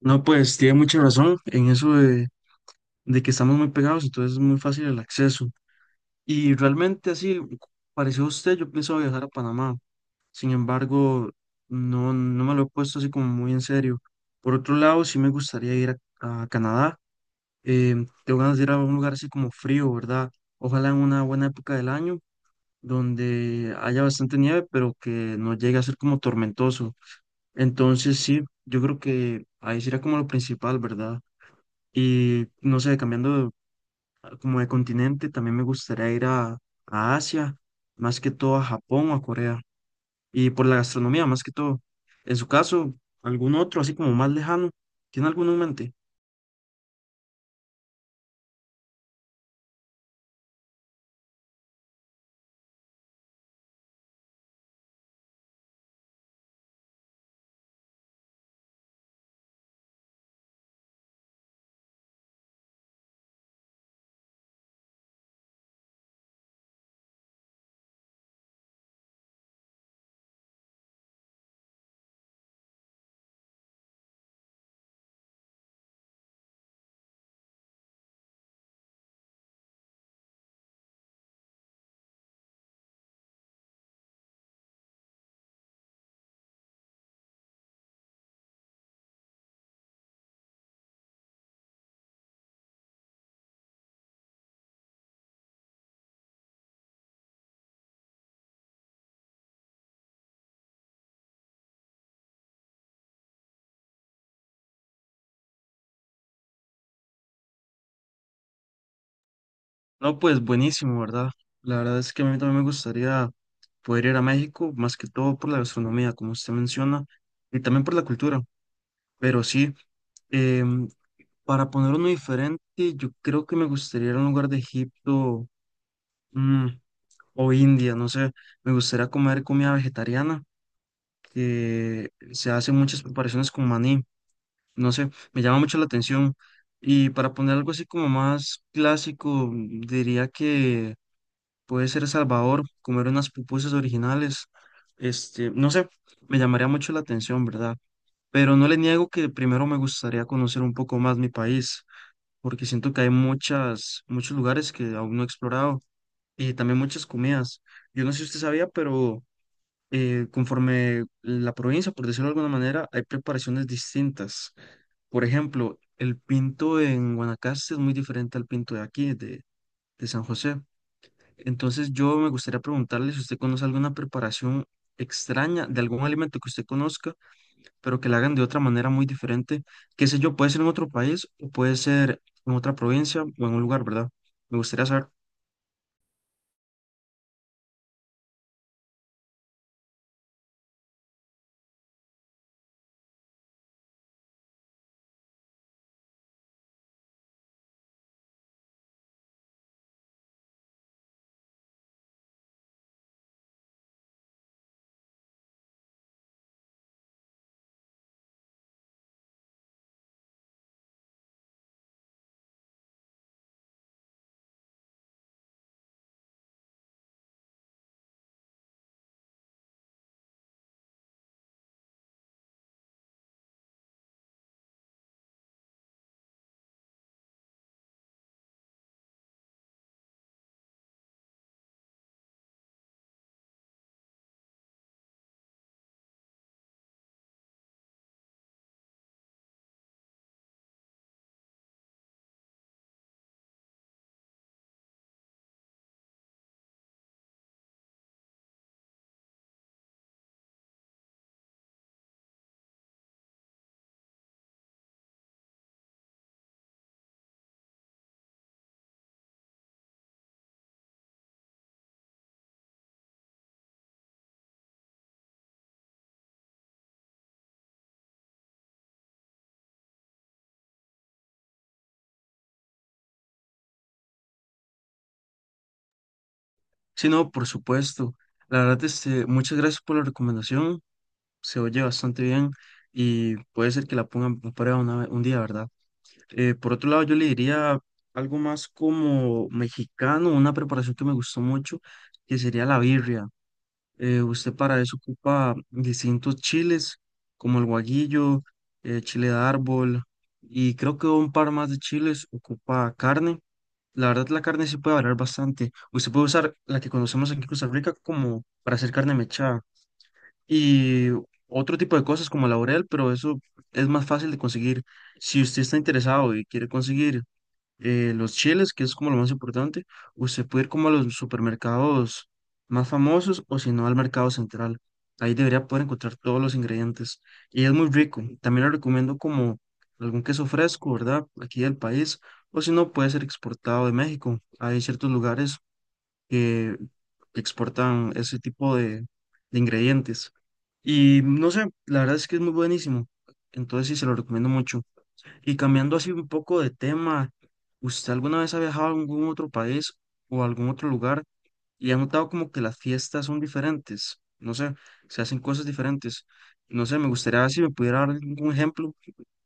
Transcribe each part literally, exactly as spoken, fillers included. No, pues tiene mucha razón en eso de, de que estamos muy pegados, entonces es muy fácil el acceso. Y realmente así, pareció usted, yo pienso viajar a Panamá. Sin embargo, no, no me lo he puesto así como muy en serio. Por otro lado, sí me gustaría ir a, a Canadá. eh, Tengo ganas de ir a un lugar así como frío, ¿verdad? Ojalá en una buena época del año, donde haya bastante nieve, pero que no llegue a ser como tormentoso. Entonces sí, yo creo que ahí sería como lo principal, ¿verdad? Y no sé, cambiando como de continente, también me gustaría ir a, a Asia, más que todo a Japón o a Corea, y por la gastronomía, más que todo. En su caso, algún otro, así como más lejano, ¿tiene alguno en mente? No, pues buenísimo, ¿verdad? La verdad es que a mí también me gustaría poder ir a México, más que todo por la gastronomía, como usted menciona, y también por la cultura. Pero sí, em, para poner uno diferente, yo creo que me gustaría ir a un lugar de Egipto. mm, o India, no sé, me gustaría comer comida vegetariana, que se hacen muchas preparaciones con maní, no sé, me llama mucho la atención. Y para poner algo así como más clásico, diría que puede ser El Salvador, comer unas pupusas originales, este, no sé, me llamaría mucho la atención, ¿verdad? Pero no le niego que primero me gustaría conocer un poco más mi país, porque siento que hay muchas, muchos lugares que aún no he explorado y también muchas comidas. Yo no sé si usted sabía, pero eh, conforme la provincia, por decirlo de alguna manera, hay preparaciones distintas. Por ejemplo, el pinto en Guanacaste es muy diferente al pinto de aquí, de, de San José. Entonces, yo me gustaría preguntarle si usted conoce alguna preparación extraña de algún alimento que usted conozca, pero que la hagan de otra manera muy diferente. Qué sé yo, puede ser en otro país o puede ser en otra provincia o en un lugar, ¿verdad? Me gustaría saber. Si no, por supuesto. La verdad, este, muchas gracias por la recomendación. Se oye bastante bien y puede ser que la pongan a prueba una ve- un día, ¿verdad? Eh, por otro lado, yo le diría algo más como mexicano, una preparación que me gustó mucho, que sería la birria. Eh, usted para eso ocupa distintos chiles, como el guaguillo, eh, chile de árbol y creo que un par más de chiles ocupa carne. La verdad, la carne sí puede variar bastante. Usted puede usar la que conocemos aquí en Costa Rica como para hacer carne mechada y otro tipo de cosas como laurel, pero eso es más fácil de conseguir. Si usted está interesado y quiere conseguir eh, los chiles, que es como lo más importante, usted puede ir como a los supermercados más famosos o si no al mercado central. Ahí debería poder encontrar todos los ingredientes y es muy rico. También le recomiendo como algún queso fresco, ¿verdad? Aquí del país o si no puede ser exportado de México. Hay ciertos lugares que, que exportan ese tipo de, de ingredientes. Y no sé, la verdad es que es muy buenísimo. Entonces sí, se lo recomiendo mucho. Y cambiando así un poco de tema, ¿usted alguna vez ha viajado a algún otro país o a algún otro lugar y ha notado como que las fiestas son diferentes? No sé, se hacen cosas diferentes. No sé, me gustaría ver si me pudiera dar algún ejemplo,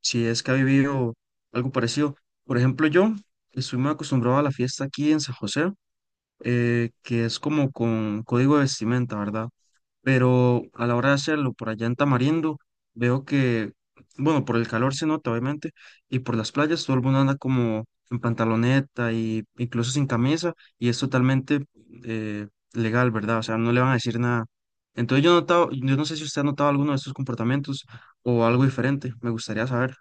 si es que ha vivido algo parecido. Por ejemplo, yo estoy muy acostumbrado a la fiesta aquí en San José. Eh, que es como con código de vestimenta, ¿verdad? Pero a la hora de hacerlo por allá en Tamarindo, veo que, bueno, por el calor se nota, obviamente, y por las playas todo el mundo anda como en pantaloneta y incluso sin camisa, y es totalmente eh, legal, ¿verdad? O sea, no le van a decir nada. Entonces yo he notado, yo no sé si usted ha notado alguno de estos comportamientos o algo diferente, me gustaría saber.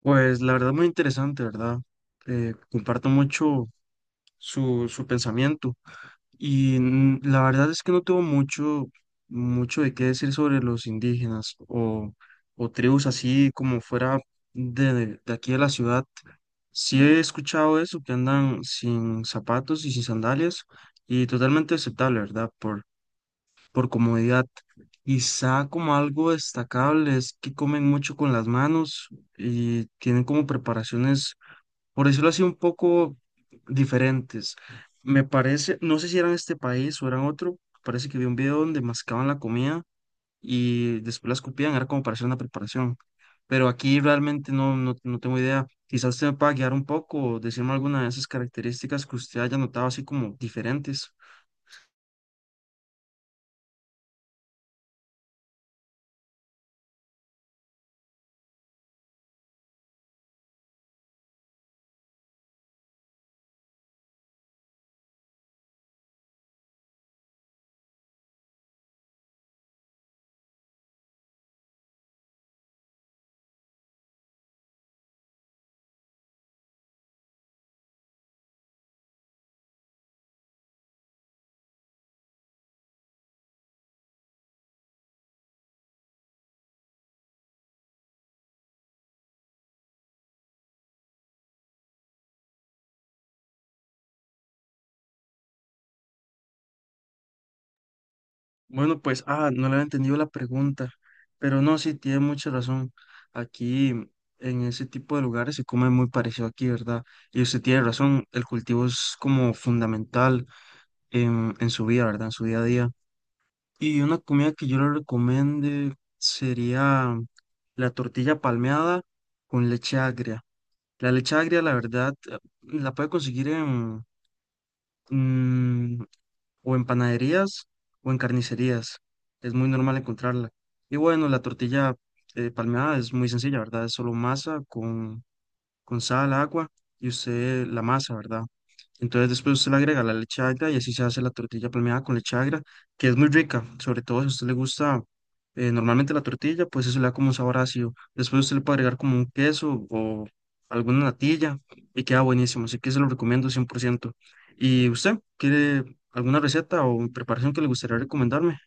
Pues la verdad muy interesante, ¿verdad? Eh, comparto mucho su, su pensamiento. Y n- la verdad es que no tengo mucho, mucho de qué decir sobre los indígenas o, o tribus así como fuera de, de aquí de la ciudad. Sí he escuchado eso, que andan sin zapatos y sin sandalias y totalmente aceptable, ¿verdad? Por, por comodidad. Quizá como algo destacable es que comen mucho con las manos y tienen como preparaciones, por decirlo así, un poco diferentes. Me parece, no sé si eran este país o eran otro, parece que vi un video donde mascaban la comida y después la escupían, era como para hacer una preparación. Pero aquí realmente no, no, no tengo idea. Quizás usted me pueda guiar un poco, decirme alguna de esas características que usted haya notado así como diferentes. Bueno, pues, ah, no le había entendido la pregunta, pero no, sí, tiene mucha razón. Aquí, en ese tipo de lugares, se come muy parecido aquí, ¿verdad? Y usted tiene razón, el cultivo es como fundamental en, en su vida, ¿verdad? En su día a día. Y una comida que yo le recomiende sería la tortilla palmeada con leche agria. La leche agria, la verdad, eh, la puede conseguir en, mm, o en panaderías o en carnicerías. Es muy normal encontrarla. Y bueno, la tortilla eh, palmeada es muy sencilla, ¿verdad? Es solo masa con, con sal, agua y usted la masa, ¿verdad? Entonces después usted le agrega la leche agria y así se hace la tortilla palmeada con leche agria, que es muy rica, sobre todo si a usted le gusta eh, normalmente la tortilla, pues eso le da como un sabor ácido. Después usted le puede agregar como un queso o alguna natilla y queda buenísimo, así que se lo recomiendo cien por ciento. ¿Y usted quiere alguna receta o preparación que le gustaría recomendarme?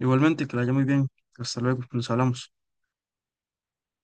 Igualmente, que la haya muy bien. Hasta luego, nos hablamos.